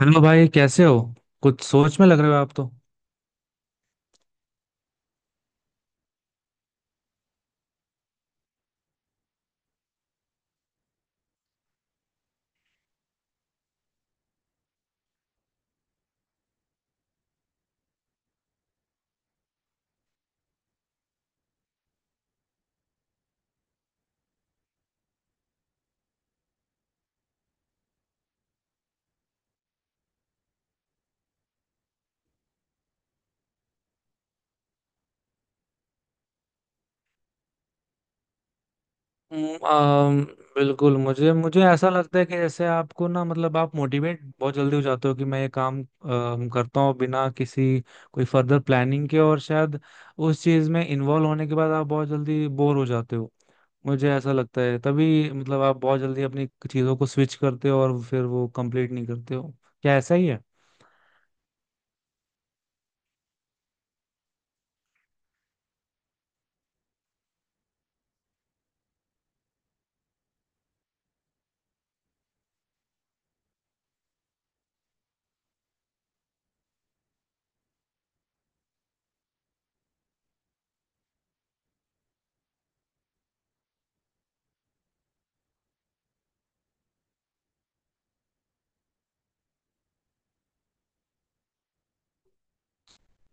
Hello भाई, कैसे हो? कुछ सोच में लग रहे हो आप तो। हम्म, आम, बिल्कुल मुझे मुझे ऐसा लगता है कि जैसे आपको, ना मतलब, आप मोटिवेट बहुत जल्दी हो जाते हो कि मैं ये काम करता हूँ बिना किसी कोई फर्दर प्लानिंग के, और शायद उस चीज़ में इन्वॉल्व होने के बाद आप बहुत जल्दी बोर हो जाते हो। मुझे ऐसा लगता है, तभी मतलब आप बहुत जल्दी अपनी चीज़ों को स्विच करते हो और फिर वो कंप्लीट नहीं करते हो। क्या ऐसा ही है?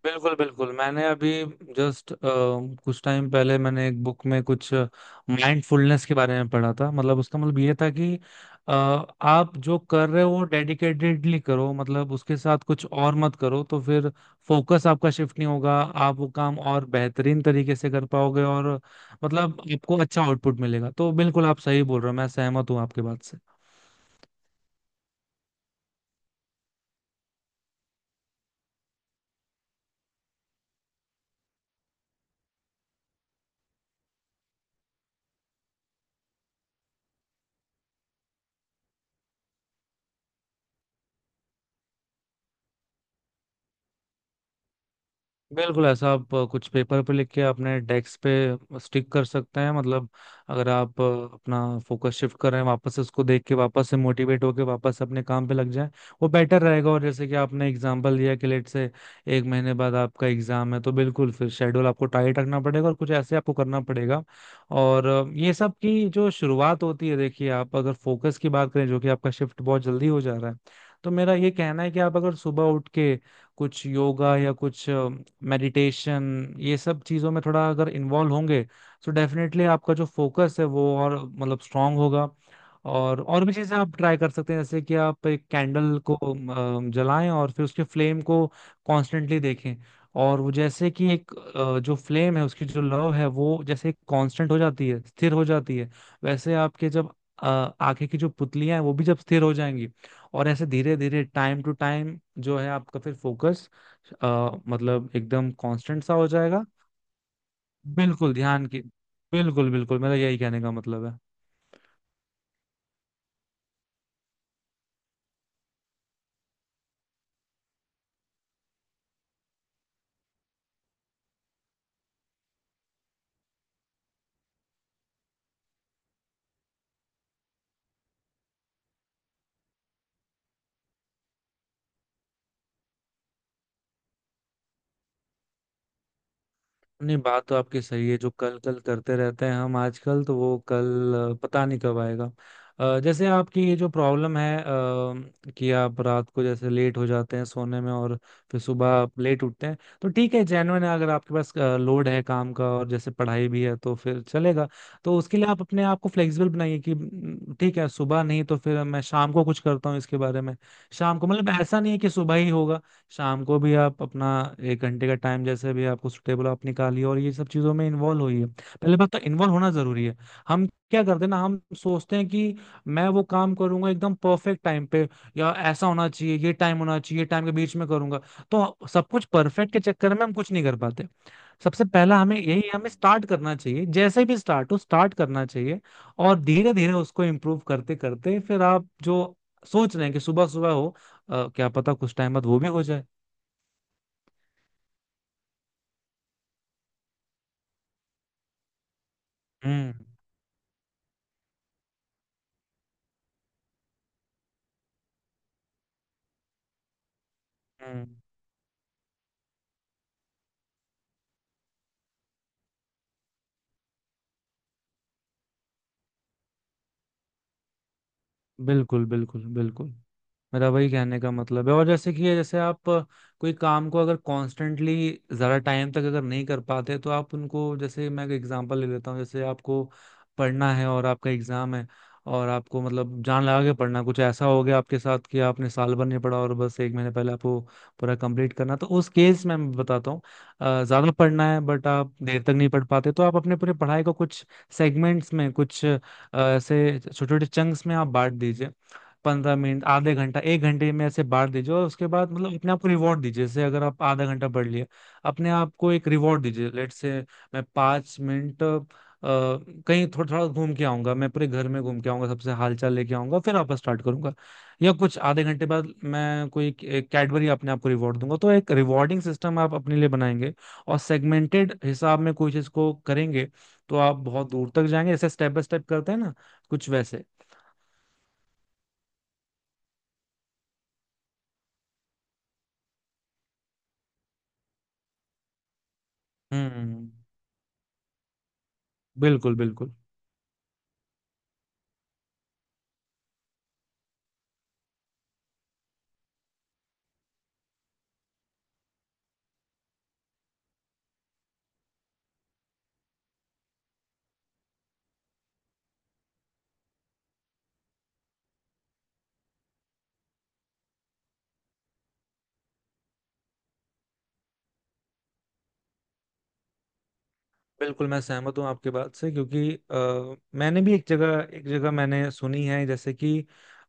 बिल्कुल बिल्कुल। मैंने अभी जस्ट कुछ टाइम पहले मैंने एक बुक में कुछ माइंडफुलनेस के बारे में पढ़ा था, मतलब उसका मतलब ये था कि आप जो कर रहे हो डेडिकेटेडली करो, मतलब उसके साथ कुछ और मत करो, तो फिर फोकस आपका शिफ्ट नहीं होगा, आप वो काम और बेहतरीन तरीके से कर पाओगे, और मतलब आपको अच्छा आउटपुट मिलेगा। तो बिल्कुल आप सही बोल रहे हो, मैं सहमत हूँ आपके बात से। बिल्कुल, ऐसा आप कुछ पेपर पे लिख के अपने डेस्क पे स्टिक कर सकते हैं, मतलब अगर आप अपना फोकस शिफ्ट कर रहे हैं, वापस से उसको देख के वापस से मोटिवेट होके वापस अपने काम पे लग जाएं, वो बेटर रहेगा। और जैसे कि आपने एग्जांपल दिया कि लेट से एक महीने बाद आपका एग्जाम है, तो बिल्कुल फिर शेड्यूल आपको टाइट रखना पड़ेगा और कुछ ऐसे आपको करना पड़ेगा। और ये सब की जो शुरुआत होती है, देखिए आप अगर फोकस की बात करें, जो कि आपका शिफ्ट बहुत जल्दी हो जा रहा है, तो मेरा ये कहना है कि आप अगर सुबह उठ के कुछ योगा या कुछ मेडिटेशन, ये सब चीज़ों में थोड़ा अगर इन्वॉल्व होंगे, तो डेफिनेटली आपका जो फोकस है वो और मतलब स्ट्रांग होगा। और भी चीज़ें आप ट्राई कर सकते हैं, जैसे कि आप एक कैंडल को जलाएं और फिर उसके फ्लेम को कॉन्स्टेंटली देखें। और वो जैसे कि एक जो फ्लेम है उसकी जो लौ है वो जैसे कांस्टेंट हो जाती है, स्थिर हो जाती है, वैसे आपके जब अ, आंखें की जो पुतलियां हैं वो भी जब स्थिर हो जाएंगी, और ऐसे धीरे धीरे टाइम टू टाइम जो है, आपका फिर फोकस मतलब एकदम कांस्टेंट सा हो जाएगा। बिल्कुल ध्यान की। बिल्कुल बिल्कुल, मेरा यही कहने का मतलब है। नहीं, बात तो आपकी सही है, जो कल कल करते रहते हैं हम आजकल, तो वो कल पता नहीं कब आएगा। जैसे आपकी ये जो प्रॉब्लम है कि आप रात को जैसे लेट हो जाते हैं सोने में, और फिर सुबह आप लेट उठते हैं, तो ठीक है, जेन्युइन है। अगर आपके पास लोड है काम का और जैसे पढ़ाई भी है तो फिर चलेगा। तो उसके लिए आप अपने आप को फ्लेक्सिबल बनाइए कि " ठीक है, सुबह नहीं तो फिर मैं शाम को कुछ करता हूँ इसके बारे में। शाम को मतलब ऐसा नहीं है कि सुबह ही होगा, शाम को भी आप अपना एक घंटे का टाइम जैसे भी आपको सुटेबल आप निकालिए और ये सब चीजों में इन्वॉल्व होइए। पहले बात तो इन्वॉल्व होना जरूरी है। हम क्या करते हैं ना, हम सोचते हैं कि मैं वो काम करूंगा एकदम परफेक्ट टाइम पे, या ऐसा होना चाहिए, ये टाइम होना चाहिए, टाइम के बीच में करूंगा, तो सब कुछ परफेक्ट के चक्कर में हम कुछ नहीं कर पाते। सबसे पहला हमें यही हमें स्टार्ट करना चाहिए, जैसे भी स्टार्ट हो स्टार्ट करना चाहिए। और धीरे धीरे उसको इम्प्रूव करते करते फिर आप जो सोच रहे हैं कि सुबह सुबह हो, क्या पता कुछ टाइम बाद वो भी हो जाए। हम्म। हम्म, बिल्कुल बिल्कुल बिल्कुल, मेरा वही कहने का मतलब है। और जैसे कि ये, जैसे आप कोई काम को अगर कॉन्स्टेंटली ज़्यादा टाइम तक अगर नहीं कर पाते, तो आप उनको, जैसे मैं एक एग्जांपल ले लेता हूँ। जैसे आपको पढ़ना है और आपका एग्ज़ाम है, और आपको मतलब जान लगा के पढ़ना, कुछ ऐसा हो गया आपके साथ कि आपने साल भर नहीं पढ़ा और बस एक महीने पहले आपको पूरा कंप्लीट करना, तो उस केस में मैं बताता हूँ, ज़्यादा पढ़ना है बट आप देर तक नहीं पढ़ पाते, तो आप अपने पूरे पढ़ाई को कुछ सेगमेंट्स में, कुछ ऐसे छोटे छोटे चंक्स में आप बांट दीजिए। पंद्रह मिनट, आधे घंटा, एक घंटे में ऐसे बांट दीजिए और उसके बाद मतलब अपने आप को रिवॉर्ड दीजिए। जैसे अगर आप आधा घंटा पढ़ लिए, अपने आप को एक रिवॉर्ड दीजिए, लेट से मैं पाँच मिनट कहीं थोड़ा थोड़ा घूम के आऊंगा, मैं पूरे घर में घूम के आऊंगा, सबसे हालचाल लेके आऊंगा, फिर वापस स्टार्ट करूंगा। या कुछ आधे घंटे बाद मैं कोई कैडबरी अपने आप को रिवॉर्ड दूंगा। तो एक रिवॉर्डिंग सिस्टम आप अपने लिए बनाएंगे और सेगमेंटेड हिसाब में कोई चीज को करेंगे, तो आप बहुत दूर तक जाएंगे, जैसे स्टेप बाय स्टेप करते हैं ना, कुछ वैसे। हम्म, बिल्कुल बिल्कुल। बिल्कुल मैं सहमत हूँ आपके बात से, क्योंकि मैंने भी एक जगह मैंने सुनी है जैसे कि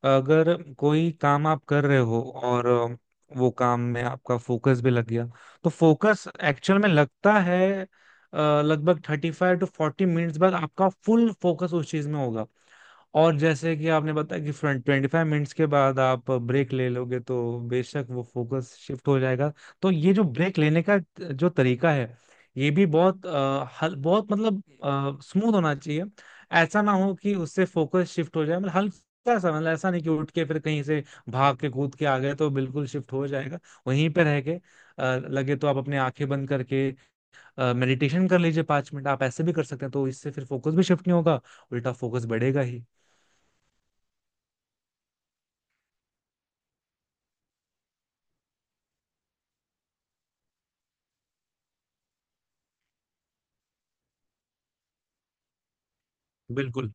अगर कोई काम आप कर रहे हो और वो काम में आपका फोकस भी लग गया, तो फोकस एक्चुअल में लगता है लगभग thirty five to forty minutes बाद आपका फुल फोकस उस चीज में होगा। और जैसे कि आपने बताया कि फ्रंट ट्वेंटी फाइव मिनट्स के बाद आप ब्रेक ले लोगे, तो बेशक वो फोकस शिफ्ट हो जाएगा। तो ये जो ब्रेक लेने का जो तरीका है, ये भी बहुत हल, बहुत मतलब स्मूथ होना चाहिए। ऐसा ना हो कि उससे फोकस शिफ्ट हो जाए, मतलब हल्का सा, मतलब ऐसा नहीं कि उठ के फिर कहीं से भाग के कूद के आ गए, तो बिल्कुल शिफ्ट हो जाएगा। वहीं पे रह के लगे तो आप अपने आंखें बंद करके मेडिटेशन कर लीजिए पांच मिनट, आप ऐसे भी कर सकते हैं, तो इससे फिर फोकस भी शिफ्ट नहीं होगा, उल्टा फोकस बढ़ेगा ही। बिल्कुल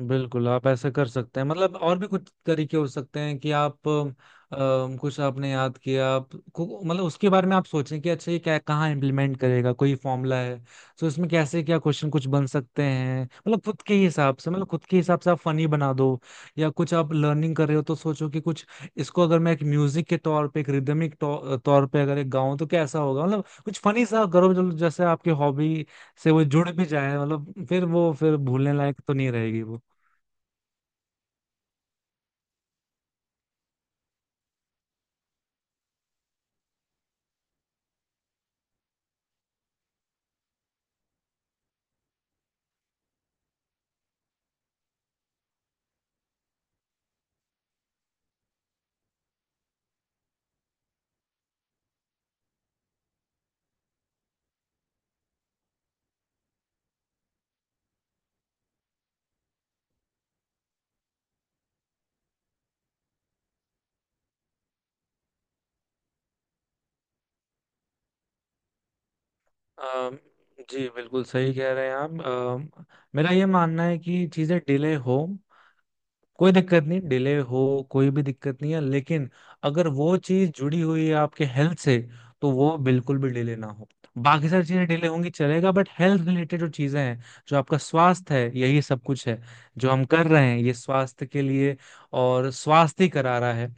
बिल्कुल, आप ऐसा कर सकते हैं। मतलब और भी कुछ तरीके हो सकते हैं कि आप कुछ आपने याद किया, मतलब उसके बारे में आप सोचें कि अच्छा ये क्या, कहाँ इम्प्लीमेंट करेगा, कोई फॉर्मूला है तो इसमें कैसे क्या क्वेश्चन कुछ बन सकते हैं, मतलब खुद के हिसाब से, आप फनी बना दो। या कुछ आप लर्निंग कर रहे हो, तो सोचो कि कुछ इसको अगर मैं एक म्यूजिक के तौर पे, एक रिदमिक तौर पे अगर एक गाऊं तो कैसा होगा। मतलब कुछ फनी सा करो जो जैसे आपकी हॉबी से वो जुड़ भी जाए, मतलब फिर वो, फिर भूलने लायक तो नहीं रहेगी वो। अम, जी बिल्कुल सही कह रहे हैं आप। मेरा ये मानना है कि चीज़ें डिले हो, कोई दिक्कत नहीं, डिले हो कोई भी दिक्कत नहीं है, लेकिन अगर वो चीज जुड़ी हुई है आपके हेल्थ से, तो वो बिल्कुल भी डिले ना हो। बाकी सारी चीजें डिले होंगी चलेगा, बट हेल्थ रिलेटेड जो चीजें हैं, जो आपका स्वास्थ्य है, यही सब कुछ है, जो हम कर रहे हैं ये स्वास्थ्य के लिए, और स्वास्थ्य ही करा रहा है।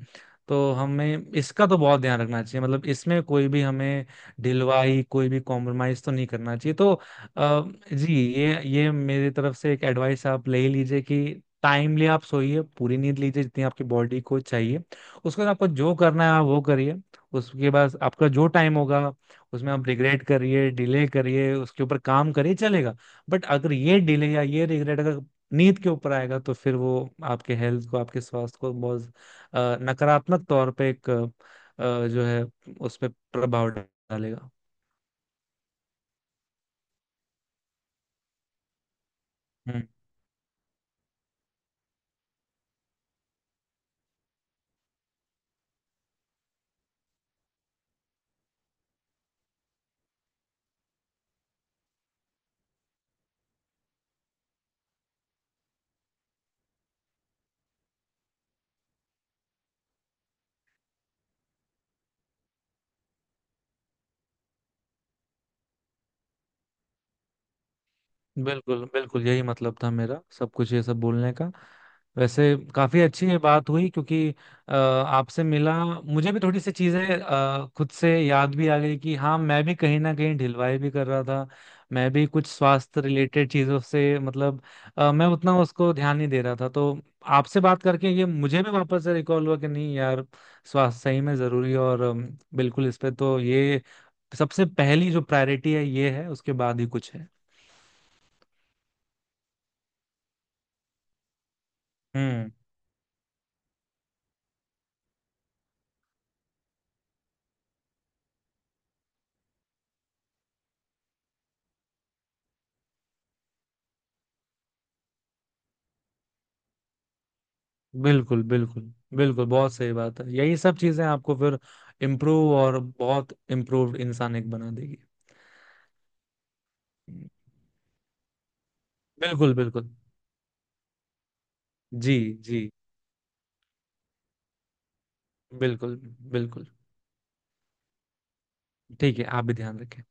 तो हमें इसका तो बहुत ध्यान रखना चाहिए, मतलब इसमें कोई भी हमें ढिलवाई, कोई भी कॉम्प्रोमाइज तो नहीं करना चाहिए। तो अ, जी, ये मेरी तरफ से एक एडवाइस आप ले ही लीजिए कि टाइमली आप सोइए, पूरी नींद लीजिए जितनी आपकी बॉडी को चाहिए, उसके बाद आपको जो करना है आप वो करिए। उसके बाद आपका जो टाइम होगा, उसमें आप रिग्रेट करिए, डिले करिए, उसके ऊपर काम करिए, चलेगा। बट अगर ये डिले या ये रिग्रेट अगर नींद के ऊपर आएगा, तो फिर वो आपके हेल्थ को, आपके स्वास्थ्य को बहुत नकारात्मक तौर पे एक जो है उस पर प्रभाव डालेगा। बिल्कुल बिल्कुल, यही मतलब था मेरा सब कुछ ये सब बोलने का। वैसे काफी अच्छी ये बात हुई, क्योंकि आपसे मिला, मुझे भी थोड़ी सी चीजें खुद से याद भी आ गई कि हाँ, मैं भी कहीं ना कहीं ढिलवाई भी कर रहा था, मैं भी कुछ स्वास्थ्य रिलेटेड चीजों से, मतलब मैं उतना उसको ध्यान नहीं दे रहा था। तो आपसे बात करके ये मुझे भी वापस से रिकॉल हुआ कि नहीं यार, स्वास्थ्य सही में जरूरी है। और बिल्कुल, इस पे तो, ये सबसे पहली जो प्रायोरिटी है ये है, उसके बाद ही कुछ है। हम्म, बिल्कुल बिल्कुल। बिल्कुल बहुत सही बात है, यही सब चीजें आपको फिर इम्प्रूव और बहुत इम्प्रूव्ड इंसान एक बना देगी। बिल्कुल बिल्कुल। जी जी, बिल्कुल बिल्कुल। ठीक है, आप भी ध्यान रखें। Bye.